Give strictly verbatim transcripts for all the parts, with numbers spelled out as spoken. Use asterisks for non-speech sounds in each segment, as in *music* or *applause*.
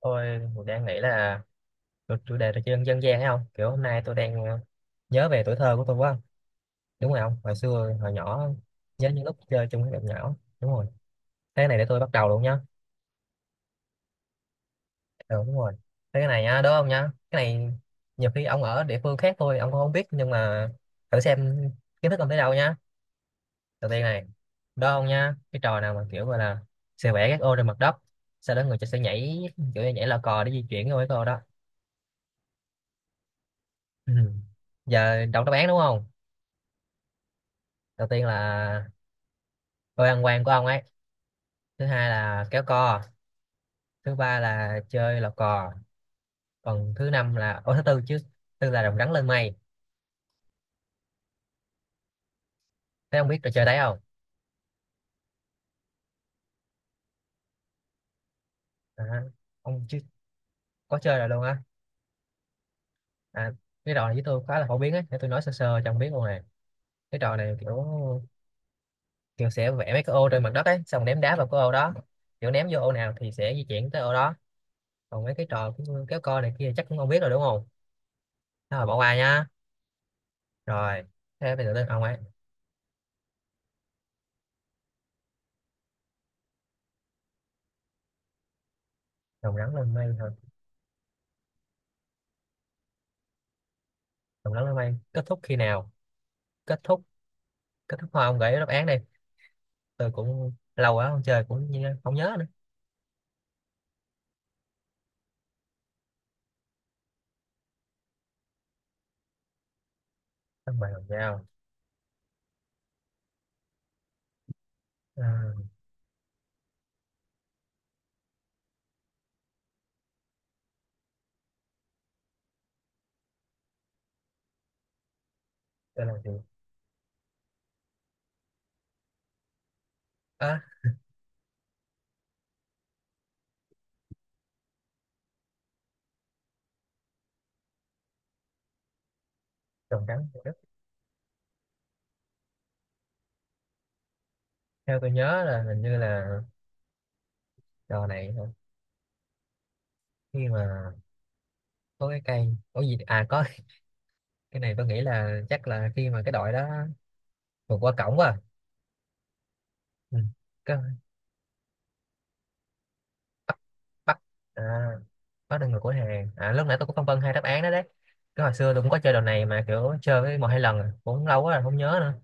Tôi đang nghĩ là chủ chủ đề trò chơi dân dân gian ấy không? Kiểu hôm nay tôi đang ờ, nhớ về tuổi thơ của tôi quá. Đúng rồi không? Hồi xưa, hồi nhỏ, nhớ những lúc chơi chung với bạn nhỏ. Đúng rồi. Cái này để tôi bắt đầu luôn nhá. Ừ, đúng rồi. Cái này nhá, đúng không nhá? Cái này nhiều khi ông ở địa phương khác thôi, ông cũng không biết. Nhưng mà thử xem kiến thức ông tới đâu nhá. Đầu tiên này, đó không nhá? Cái trò nào mà kiểu gọi là sẽ vẽ các ô trên mặt đất. Sau đó người ta sẽ nhảy, kiểu như nhảy lò cò để di chuyển cái ô cái ô đó. Ừ. Giờ đọc đáp án đúng không? Đầu tiên là tôi ăn quan của ông ấy, thứ hai là kéo co, thứ ba là chơi lò cò, còn thứ năm là ô thứ tư chứ, tư là rồng rắn lên mây. Thế ông biết trò chơi đấy không? à, ông chứ có chơi rồi luôn á. à, cái trò này với tôi khá là phổ biến ấy, để tôi nói sơ sơ cho ông biết luôn này. Cái trò này kiểu, kiểu sẽ vẽ mấy cái ô trên mặt đất ấy, xong ném đá vào cái ô đó, kiểu ném vô ô nào thì sẽ di chuyển tới ô đó. Còn mấy cái trò kiểu kéo co này kia chắc cũng không biết rồi đúng không? Thôi mà bỏ qua nhá. Rồi, thế bây giờ đến ông ấy. Rồng rắn lên mây thôi. Rồng rắn lên mây kết thúc khi nào? Kết thúc, kết thúc thôi ông gửi đáp án đi, tôi cũng lâu quá không chơi cũng như- không nhớ nữa. Xong bài đồng dao. à, tôi làm gì? à, Trồng trắng thì đất. Theo tôi nhớ là hình như là trò này hả? Khi mà có cái cây có gì à có *laughs* cái này tôi nghĩ là chắc là khi mà cái đội đó vượt qua cổng quá. Ừ. Cái, bắt, bắt. à, Bắt được người của hàng, à lúc nãy tôi cũng phân vân hai đáp án đó đấy. Cái hồi xưa tôi cũng có chơi đồ này mà kiểu chơi với một hai lần à, cũng lâu quá rồi không nhớ nữa.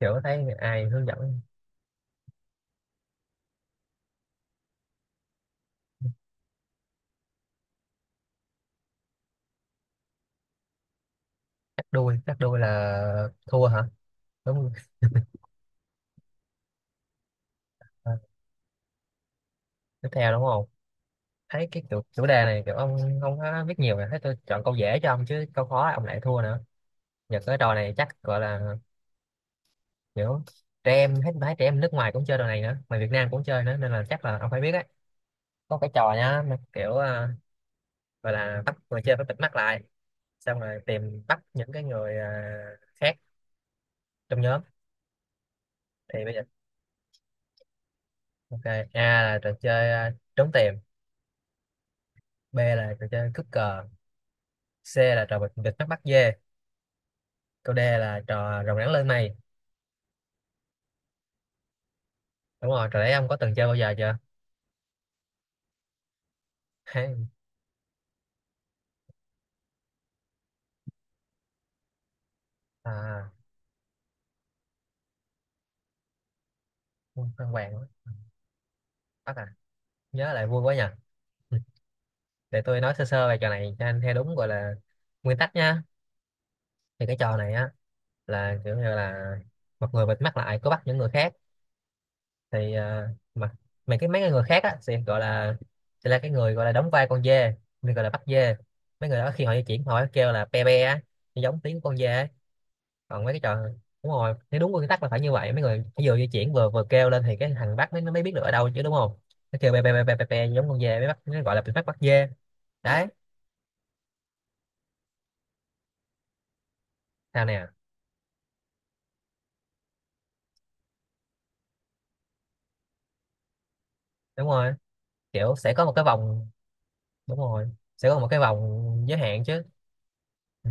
Kiểu thấy ai hướng dẫn. Cắt đuôi, cắt đuôi là thua hả? Đúng rồi. À, tiếp theo đúng không? Thấy cái chủ, chủ đề này kiểu ông không có biết nhiều rồi, thấy tôi chọn câu dễ cho ông chứ câu khó ông lại thua nữa. Giờ cái trò này chắc gọi là kiểu trẻ em hết, phải trẻ em nước ngoài cũng chơi trò này nữa mà Việt Nam cũng chơi nữa nên là chắc là ông phải biết á. Có cái trò nhá mà kiểu à, gọi là bắt người chơi phải bịt mắt lại, xong rồi tìm bắt những cái người à, khác trong nhóm. Thì bây giờ, ok, A là trò chơi à, trốn tìm, B là trò chơi cướp cờ, C là trò bịt bịt mắt bắt dê, câu D là trò rồng rắn lên mây. Đúng rồi trò đấy ông có từng chơi bao giờ chưa? *laughs* À quân phan hoàng. Bắt à, nhớ lại vui quá nhỉ. Ừ, để tôi nói sơ sơ về trò này cho anh theo đúng gọi là nguyên tắc nha. Thì cái trò này á là kiểu như là một người bịt mắt lại có bắt những người khác. thì à, mà mà cái mấy cái người khác á sẽ gọi là sẽ là cái người gọi là đóng vai con dê, người gọi là bắt dê. Mấy người đó khi họ di chuyển họ kêu là pe pe á, giống tiếng con dê ấy. Còn mấy cái trò. Đúng rồi, nếu đúng quy tắc là phải như vậy, mấy người phải vừa di chuyển vừa vừa kêu lên thì cái thằng bắt mới mới biết được ở đâu chứ đúng không? Nó kêu be be be be be, be giống con dê mới bắt, nó gọi là bị bắt bắt dê. Đấy. Sao nè? Đúng rồi, kiểu sẽ có một cái vòng. Đúng rồi sẽ có một cái vòng giới hạn chứ. Ừ.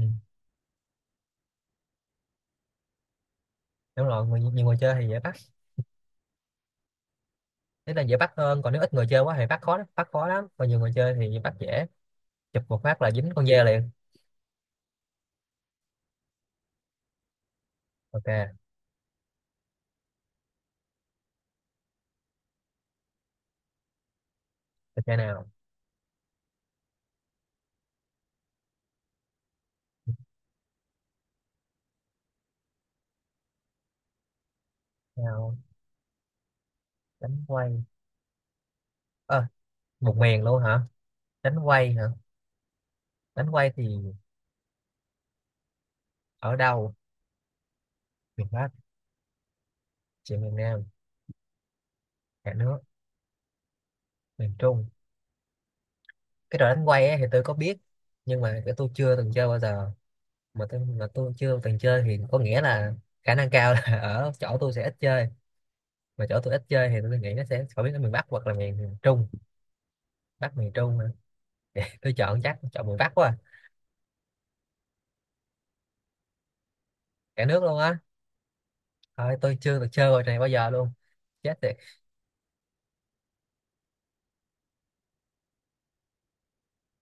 Đúng rồi, người, nhiều người chơi thì dễ bắt. Thế là dễ bắt hơn, còn nếu ít người chơi quá thì bắt khó lắm, bắt khó lắm, còn nhiều người chơi thì bắt dễ, chụp một phát là dính con dê liền. Ok, tôi chơi nào. Nào, đánh quay, ờ một miền luôn hả? Đánh quay hả? Đánh quay thì ở đâu? Miền Bắc, chị miền Nam, cả nước, miền Trung. Cái trò đánh quay ấy thì tôi có biết, nhưng mà cái tôi chưa từng chơi bao giờ. Mà tôi mà tôi chưa từng chơi thì có nghĩa là khả năng cao là *laughs* ở chỗ tôi sẽ ít chơi. Mà chỗ tôi ít chơi thì tôi nghĩ nó sẽ phổ biến ở miền Bắc hoặc là miền miền Trung. Bắc miền Trung hả? Tôi chọn chắc chọn miền Bắc quá à. Cả nước luôn á. Thôi tôi chưa được chơi trò này bao giờ luôn. Chết tiệt.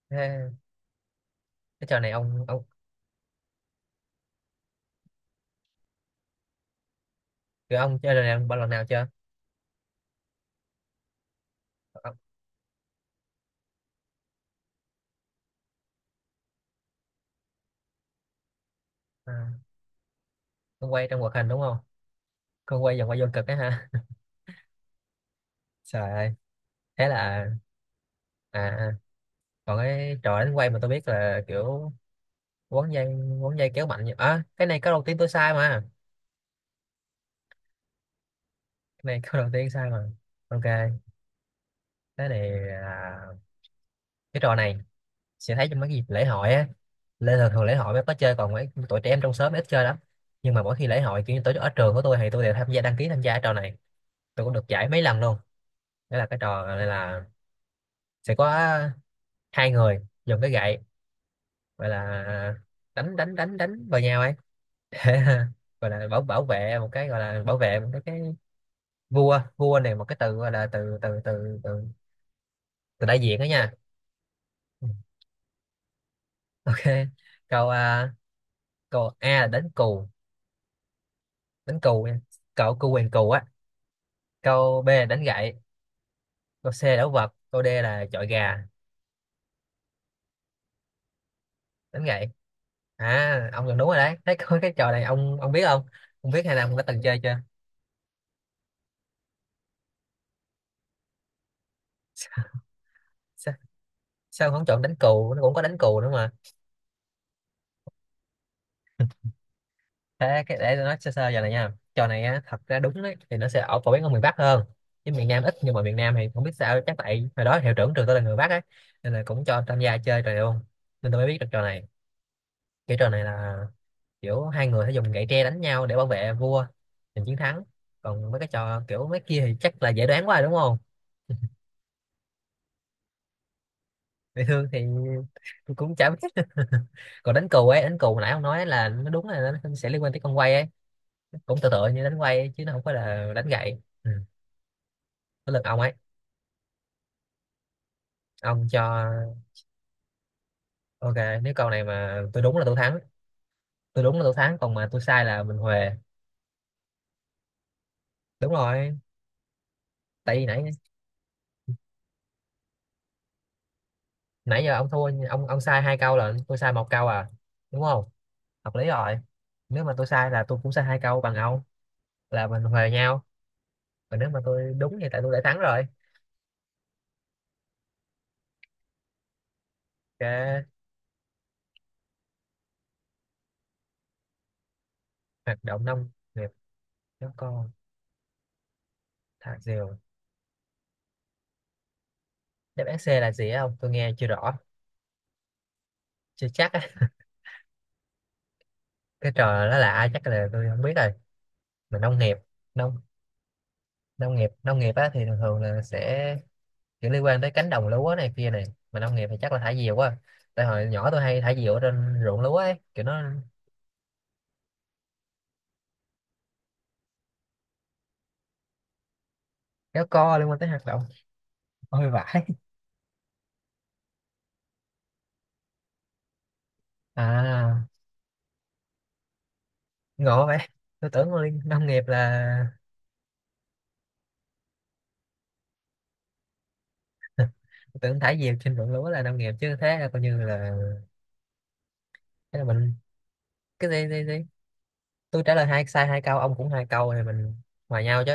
Thế cái trò này ông ông rồi ông chơi trò này bao lần nào chưa? Ông, à, ông quay trong hoạt hình đúng không? Con quay vòng quay vô cực á ha. *laughs* Trời ơi. Thế là à, à, còn cái trò đánh quay mà tôi biết là kiểu quấn dây, quấn dây kéo mạnh nhỉ? À, cái này câu đầu tiên tôi sai mà. Cái này câu đầu tiên sai mà. Ok. Cái này là cái trò này sẽ thấy trong mấy cái dịp lễ hội á, lễ thường thường lễ hội mới có chơi, còn mấy tụi trẻ em trong xóm ít chơi lắm. Nhưng mà mỗi khi lễ hội kiểu như tổ ở trường của tôi thì tôi đều tham gia đăng ký tham gia cái trò này, tôi cũng được giải mấy lần luôn. Đó là cái trò này là sẽ có hai người dùng cái gậy gọi là đánh đánh đánh đánh vào nhau ấy. Thế ha, gọi là bảo bảo vệ một cái, gọi là bảo vệ một cái, cái vua vua này, một cái từ gọi là từ từ từ từ, từ đại diện đó nha. Ừ, ok. Câu à, câu A là đánh cù, đánh cù nha, cậu cù quyền cù á. Câu B là đánh gậy, câu C là đấu vật, câu D là chọi gà. Đánh gậy. À ông gần đúng rồi đấy, thấy có cái trò này ông ông biết không? Ông biết hay là ông đã từng chơi chưa? *laughs* Sao, sao ông không chọn đánh cù? Nó cũng có đánh cù nữa. Thế cái để tôi nói sơ sơ giờ này nha, trò này á thật ra đúng đấy thì nó sẽ ở phổ biến ở miền Bắc hơn chứ miền Nam ít, nhưng mà miền Nam thì không biết sao, chắc tại hồi đó hiệu trưởng trường tôi là người Bắc ấy nên là cũng cho tham gia chơi trò này luôn, nên tôi mới biết được trò này. Cái trò này là kiểu hai người sẽ dùng gậy tre đánh nhau để bảo vệ vua giành chiến thắng. Còn mấy cái trò kiểu mấy kia thì chắc là dễ đoán quá rồi đúng không? Bị thương thì tôi cũng chả biết. *laughs* Còn đánh cù ấy, đánh cù hồi nãy ông nói là nó đúng là nó sẽ liên quan tới con quay ấy, cũng tựa tựa như đánh quay ấy, chứ nó không phải là đánh gậy. Ừ. Tới lượt ông ấy. Ông cho, ok. Nếu câu này mà tôi đúng là tôi thắng, tôi đúng là tôi thắng, còn mà tôi sai là mình huề. Đúng rồi, tại vì nãy, nãy giờ ông thua, ông ông sai hai câu là tôi sai một câu à, đúng không? Hợp lý rồi. Nếu mà tôi sai là tôi cũng sai hai câu bằng ông là mình huề nhau. Còn nếu mà tôi đúng thì tại tôi đã thắng rồi. Ok. Hoạt động nông nghiệp. Giống con. Thạc diều. Đáp án C là gì không? Tôi nghe chưa rõ. Chưa chắc á. Cái trò nó lạ chắc là tôi không biết rồi. Mà nông nghiệp, nông nông nghiệp nông nghiệp á thì thường thường là sẽ kiểu liên quan tới cánh đồng lúa này kia này. Mà nông nghiệp thì chắc là thả diều quá, tại hồi nhỏ tôi hay thả diều ở trên ruộng lúa ấy kiểu nó. Kéo co liên quan tới hoạt động. Ôi vãi. À ngộ vậy. Tôi tưởng là liên- nông nghiệp là. Tôi tưởng thả diều trên ruộng lúa là nông nghiệp chứ. Thế là coi như là thế là mình. Cái gì gì gì, tôi trả lời hai sai hai câu, ông cũng hai câu thì mình hòa nhau chứ.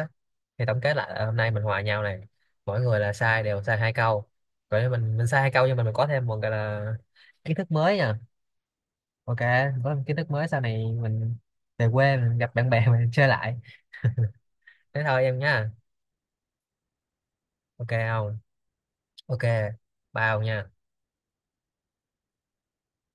Thì tổng kết lại là hôm nay mình hòa nhau này, mỗi người là sai đều sai hai câu. Vậy mình mình sai hai câu nhưng mà mình có thêm một cái là kiến thức mới nha. Ok, có kiến thức mới sau này mình về quê mình gặp bạn bè *laughs* mình chơi lại. Thế thôi em nha. Ok không? Ok. Bao nha.